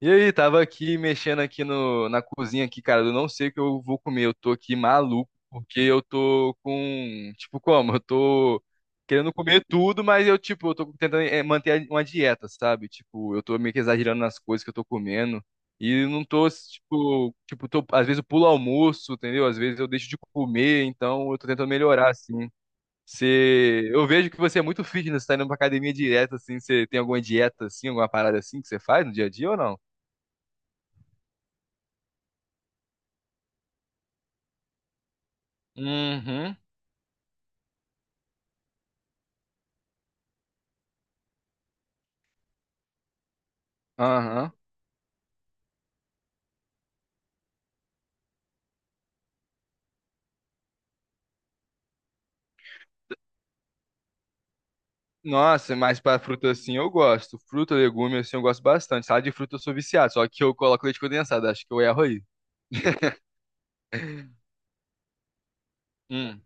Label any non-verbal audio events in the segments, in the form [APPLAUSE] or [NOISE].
E aí, tava aqui mexendo aqui no, na cozinha aqui, cara. Eu não sei o que eu vou comer. Eu tô aqui maluco, porque eu tô com, tipo, como? Eu tô querendo comer tudo, mas eu, tipo, eu tô tentando manter uma dieta, sabe? Tipo, eu tô meio que exagerando nas coisas que eu tô comendo. E não tô, tipo, tô, às vezes eu pulo almoço, entendeu? Às vezes eu deixo de comer, então eu tô tentando melhorar, assim. Você, eu vejo que você é muito fitness, tá indo pra academia direto, assim. Você tem alguma dieta, assim, alguma parada assim que você faz no dia a dia ou não? Uhum. Aham. Nossa, mas pra fruta assim eu gosto. Fruta, legume assim eu gosto bastante. Salada de fruta eu sou viciado, só que eu coloco leite condensado, acho que eu erro aí. Hum.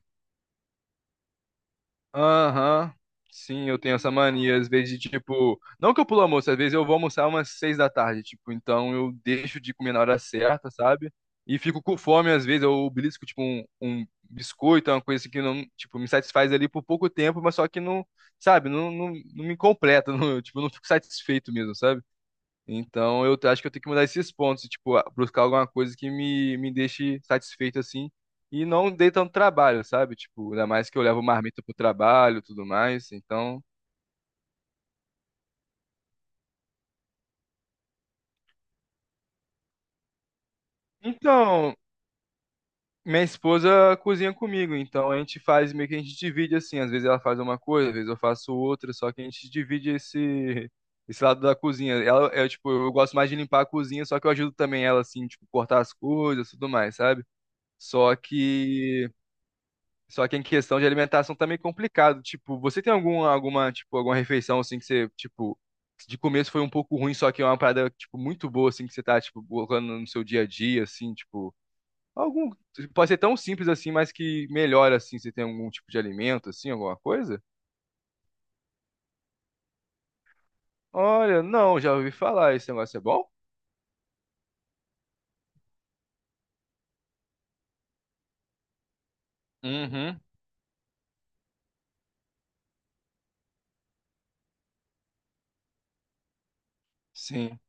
Aham. Sim, eu tenho essa mania, às vezes, de tipo. Não que eu pulo almoço, às vezes eu vou almoçar umas seis da tarde, tipo, então eu deixo de comer na hora certa, sabe? E fico com fome, às vezes, eu belisco, tipo, um biscoito, uma coisa assim que não, tipo, me satisfaz ali por pouco tempo, mas só que não, sabe, não me completa, [LAUGHS] não, tipo, eu não fico satisfeito mesmo. Então eu acho que eu tenho que mudar esses pontos, e, tipo, buscar alguma coisa que me deixe satisfeito assim e não dê tanto trabalho, sabe? Tipo, ainda mais que eu levo marmita pro trabalho, e tudo mais. Então, então, minha esposa cozinha comigo, então a gente faz meio que a gente divide assim, às vezes ela faz uma coisa, às vezes eu faço outra, só que a gente divide esse lado da cozinha. Ela é tipo, eu gosto mais de limpar a cozinha, só que eu ajudo também ela assim, tipo, cortar as coisas, tudo mais, sabe? Só que só que em questão de alimentação também é complicado. Tipo, você tem tipo, alguma refeição assim que você, tipo, de começo foi um pouco ruim, só que é uma parada, tipo, muito boa, assim, que você tá, tipo, colocando no seu dia a dia, assim, tipo. Algum. Pode ser tão simples assim, mas que melhora, assim, você tem algum tipo de alimento, assim, alguma coisa? Olha, não, já ouvi falar, esse negócio é bom? Uhum, sim.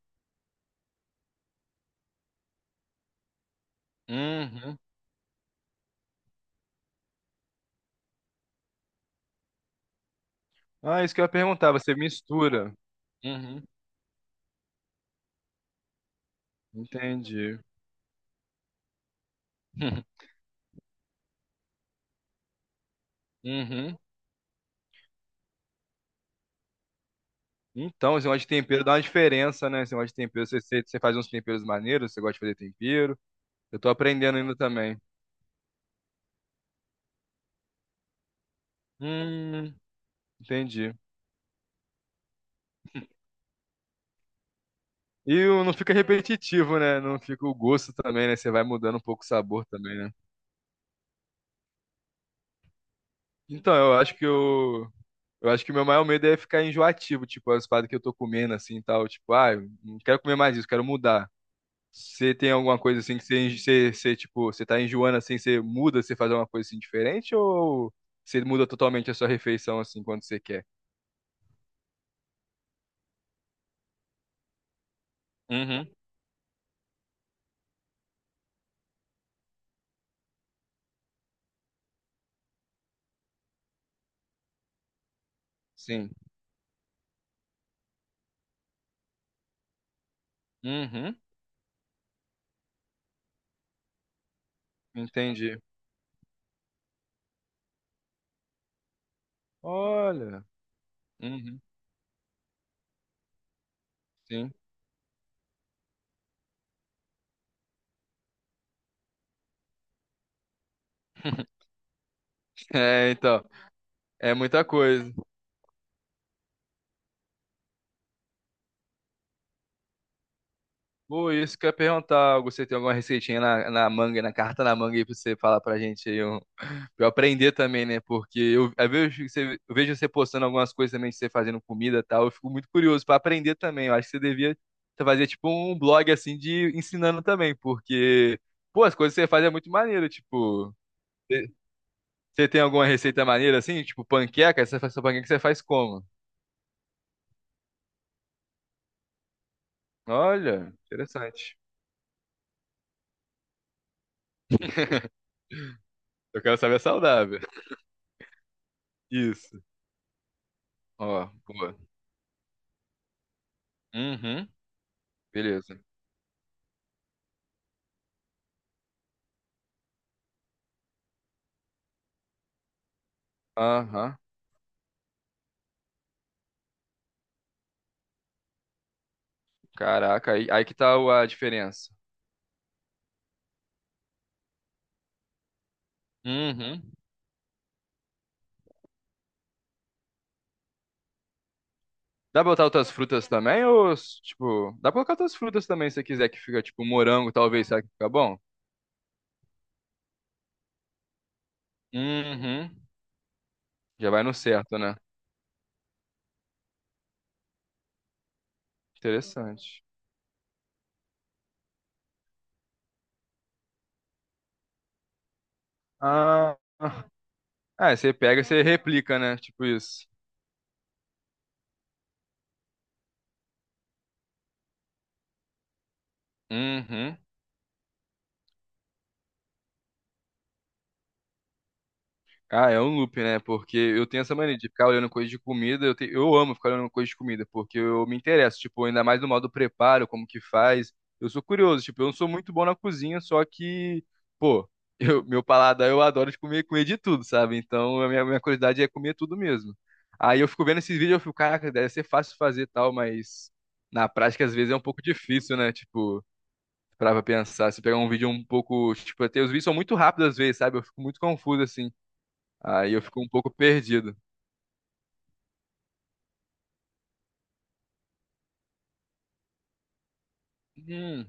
Uhum. Ah, isso que eu ia perguntar, você mistura. Uhum. Entendi. [LAUGHS] Uhum. Então, esse negócio de tempero dá uma diferença, né? Esse negócio de tempero, você faz uns temperos maneiros, você gosta de fazer tempero. Eu tô aprendendo ainda também. Hum, entendi. Não fica repetitivo, né? Não fica o gosto também, né? Você vai mudando um pouco o sabor também, né? Então, eu acho que o meu maior medo é ficar enjoativo, tipo, as paradas que eu tô comendo assim e tal, tipo, ah, eu não quero comer mais isso, quero mudar. Você tem alguma coisa assim que você, enjo- você, você, tipo, você tá enjoando assim, você muda, você faz alguma coisa assim diferente ou você muda totalmente a sua refeição assim quando você quer? Uhum. Sim, uhum, entendi. Olha, uhum, sim. [LAUGHS] É, então, é muita coisa. Pô, isso que eu ia perguntar, Augusto, você tem alguma receitinha na manga, na carta na manga aí pra você falar pra gente aí, um, pra eu aprender também, né? Porque eu, às vezes eu, eu vejo você postando algumas coisas também, de você fazendo comida e tal. Eu fico muito curioso pra aprender também. Eu acho que você fazer tipo um blog assim de ensinando também, porque, pô, as coisas que você faz é muito maneiro. Tipo, você você tem alguma receita maneira assim? Tipo, panqueca? Você faz sua panqueca, você faz como? Olha, interessante. Eu quero saber é saudável. Isso. Ó, boa. Uhum, beleza. Aham. Caraca, aí que tá a diferença. Uhum. Dá pra botar outras frutas também? Ou, tipo, dá pra colocar outras frutas também se você quiser que fica, tipo, morango, talvez, será que fica bom? Uhum. Já vai no certo, né? Interessante. Ah, ah, você pega e você replica, né? Tipo isso. Uhum. Ah, é um loop, né? Porque eu tenho essa mania de ficar olhando coisa de comida. Eu amo ficar olhando coisa de comida, porque eu me interesso, tipo, ainda mais no modo preparo, como que faz. Eu sou curioso, tipo, eu não sou muito bom na cozinha, só que, pô, [LAUGHS] eu, meu paladar eu adoro de comer, comer de tudo, sabe? Então a minha curiosidade é comer tudo mesmo. Aí eu fico vendo esses vídeos, eu fico, caraca, deve ser fácil fazer e tal, mas na prática às vezes é um pouco difícil, né? Tipo, pra pensar, se pegar um vídeo um pouco, tipo, até os vídeos são muito rápidos às vezes, sabe? Eu fico muito confuso assim. Aí eu fico um pouco perdido. Hum,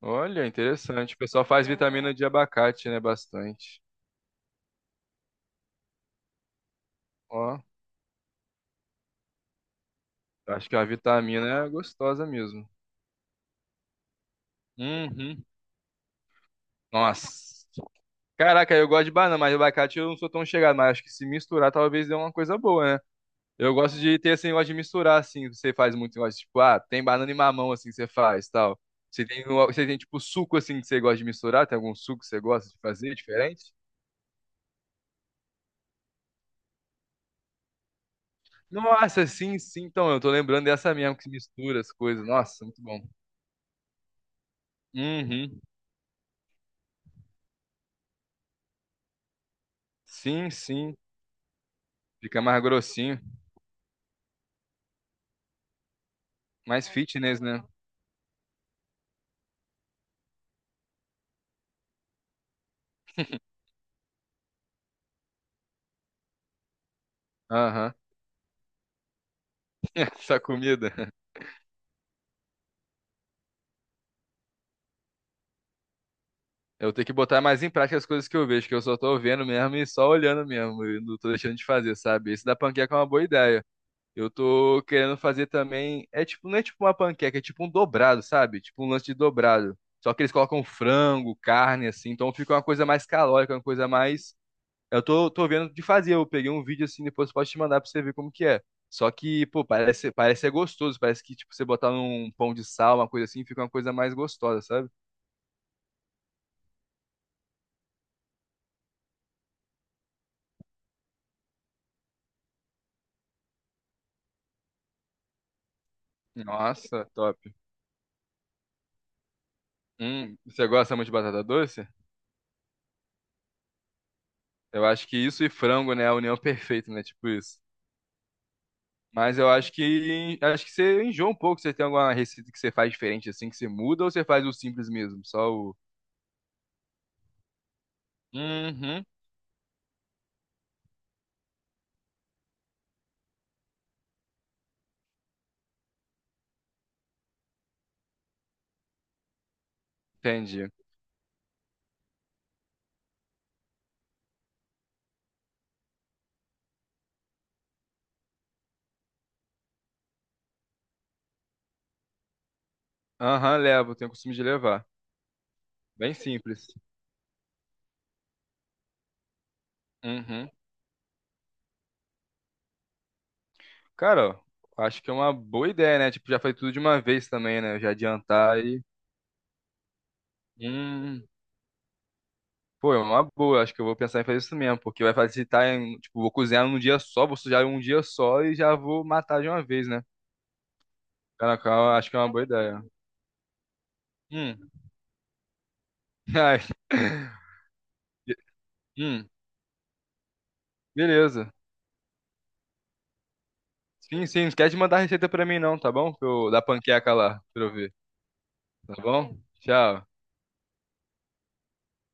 olha, interessante. O pessoal faz vitamina de abacate, né? Bastante. Ó, acho que a vitamina é gostosa mesmo. Uhum. Nossa. Caraca, eu gosto de banana, mas abacate eu não sou tão chegado, mas acho que se misturar talvez dê uma coisa boa, né? Eu gosto de ter esse negócio de misturar, assim, você faz muito negócio, tipo, ah, tem banana e mamão, assim, que você faz, tal. Você tem, você tem, tipo, suco, assim, que você gosta de misturar? Tem algum suco que você gosta de fazer diferente? Nossa, sim, sim. Então, eu tô lembrando dessa mesmo que se mistura as coisas. Nossa, muito bom. Uhum. Sim, sim. Fica mais grossinho. Mais fitness, né? Aham. [LAUGHS] Essa comida. Eu tenho que botar mais em prática as coisas que eu vejo, que eu só tô vendo mesmo e só olhando mesmo. E não tô deixando de fazer, sabe? Esse da panqueca é uma boa ideia. Eu tô querendo fazer também. É tipo, não é tipo uma panqueca, é tipo um dobrado, sabe? Tipo um lance de dobrado. Só que eles colocam frango, carne, assim. Então fica uma coisa mais calórica, uma coisa mais... Eu tô vendo de fazer. Eu peguei um vídeo assim, depois eu posso te mandar pra você ver como que é. Só que, pô, parece ser gostoso. Parece que, tipo, você botar num pão de sal, uma coisa assim, fica uma coisa mais gostosa, sabe? Nossa, top. Você gosta muito de batata doce? Eu acho que isso e frango, né, é a união perfeita, né? Tipo isso. Mas eu acho que você enjoa um pouco. Você tem alguma receita que você faz diferente assim, que você muda, ou você faz o simples mesmo? Só o. Uhum, entendi. Aham, levo, tenho o costume de levar. Bem simples. Uhum. Cara, acho que é uma boa ideia, né? Tipo, já foi tudo de uma vez também, né? Já adiantar e. Hum. Pô, é uma boa. Acho que eu vou pensar em fazer isso mesmo, porque vai facilitar em. Tipo, vou cozinhar num dia só, vou sujar em um dia só e já vou matar de uma vez, né? Caraca, eu acho que é uma boa ideia. Hum. [LAUGHS] Ai. Hum. Beleza. Sim, sim. Não esquece de mandar a receita pra mim, não, tá bom? Eu, da panqueca lá, pra eu ver. Tá bom? Tchau.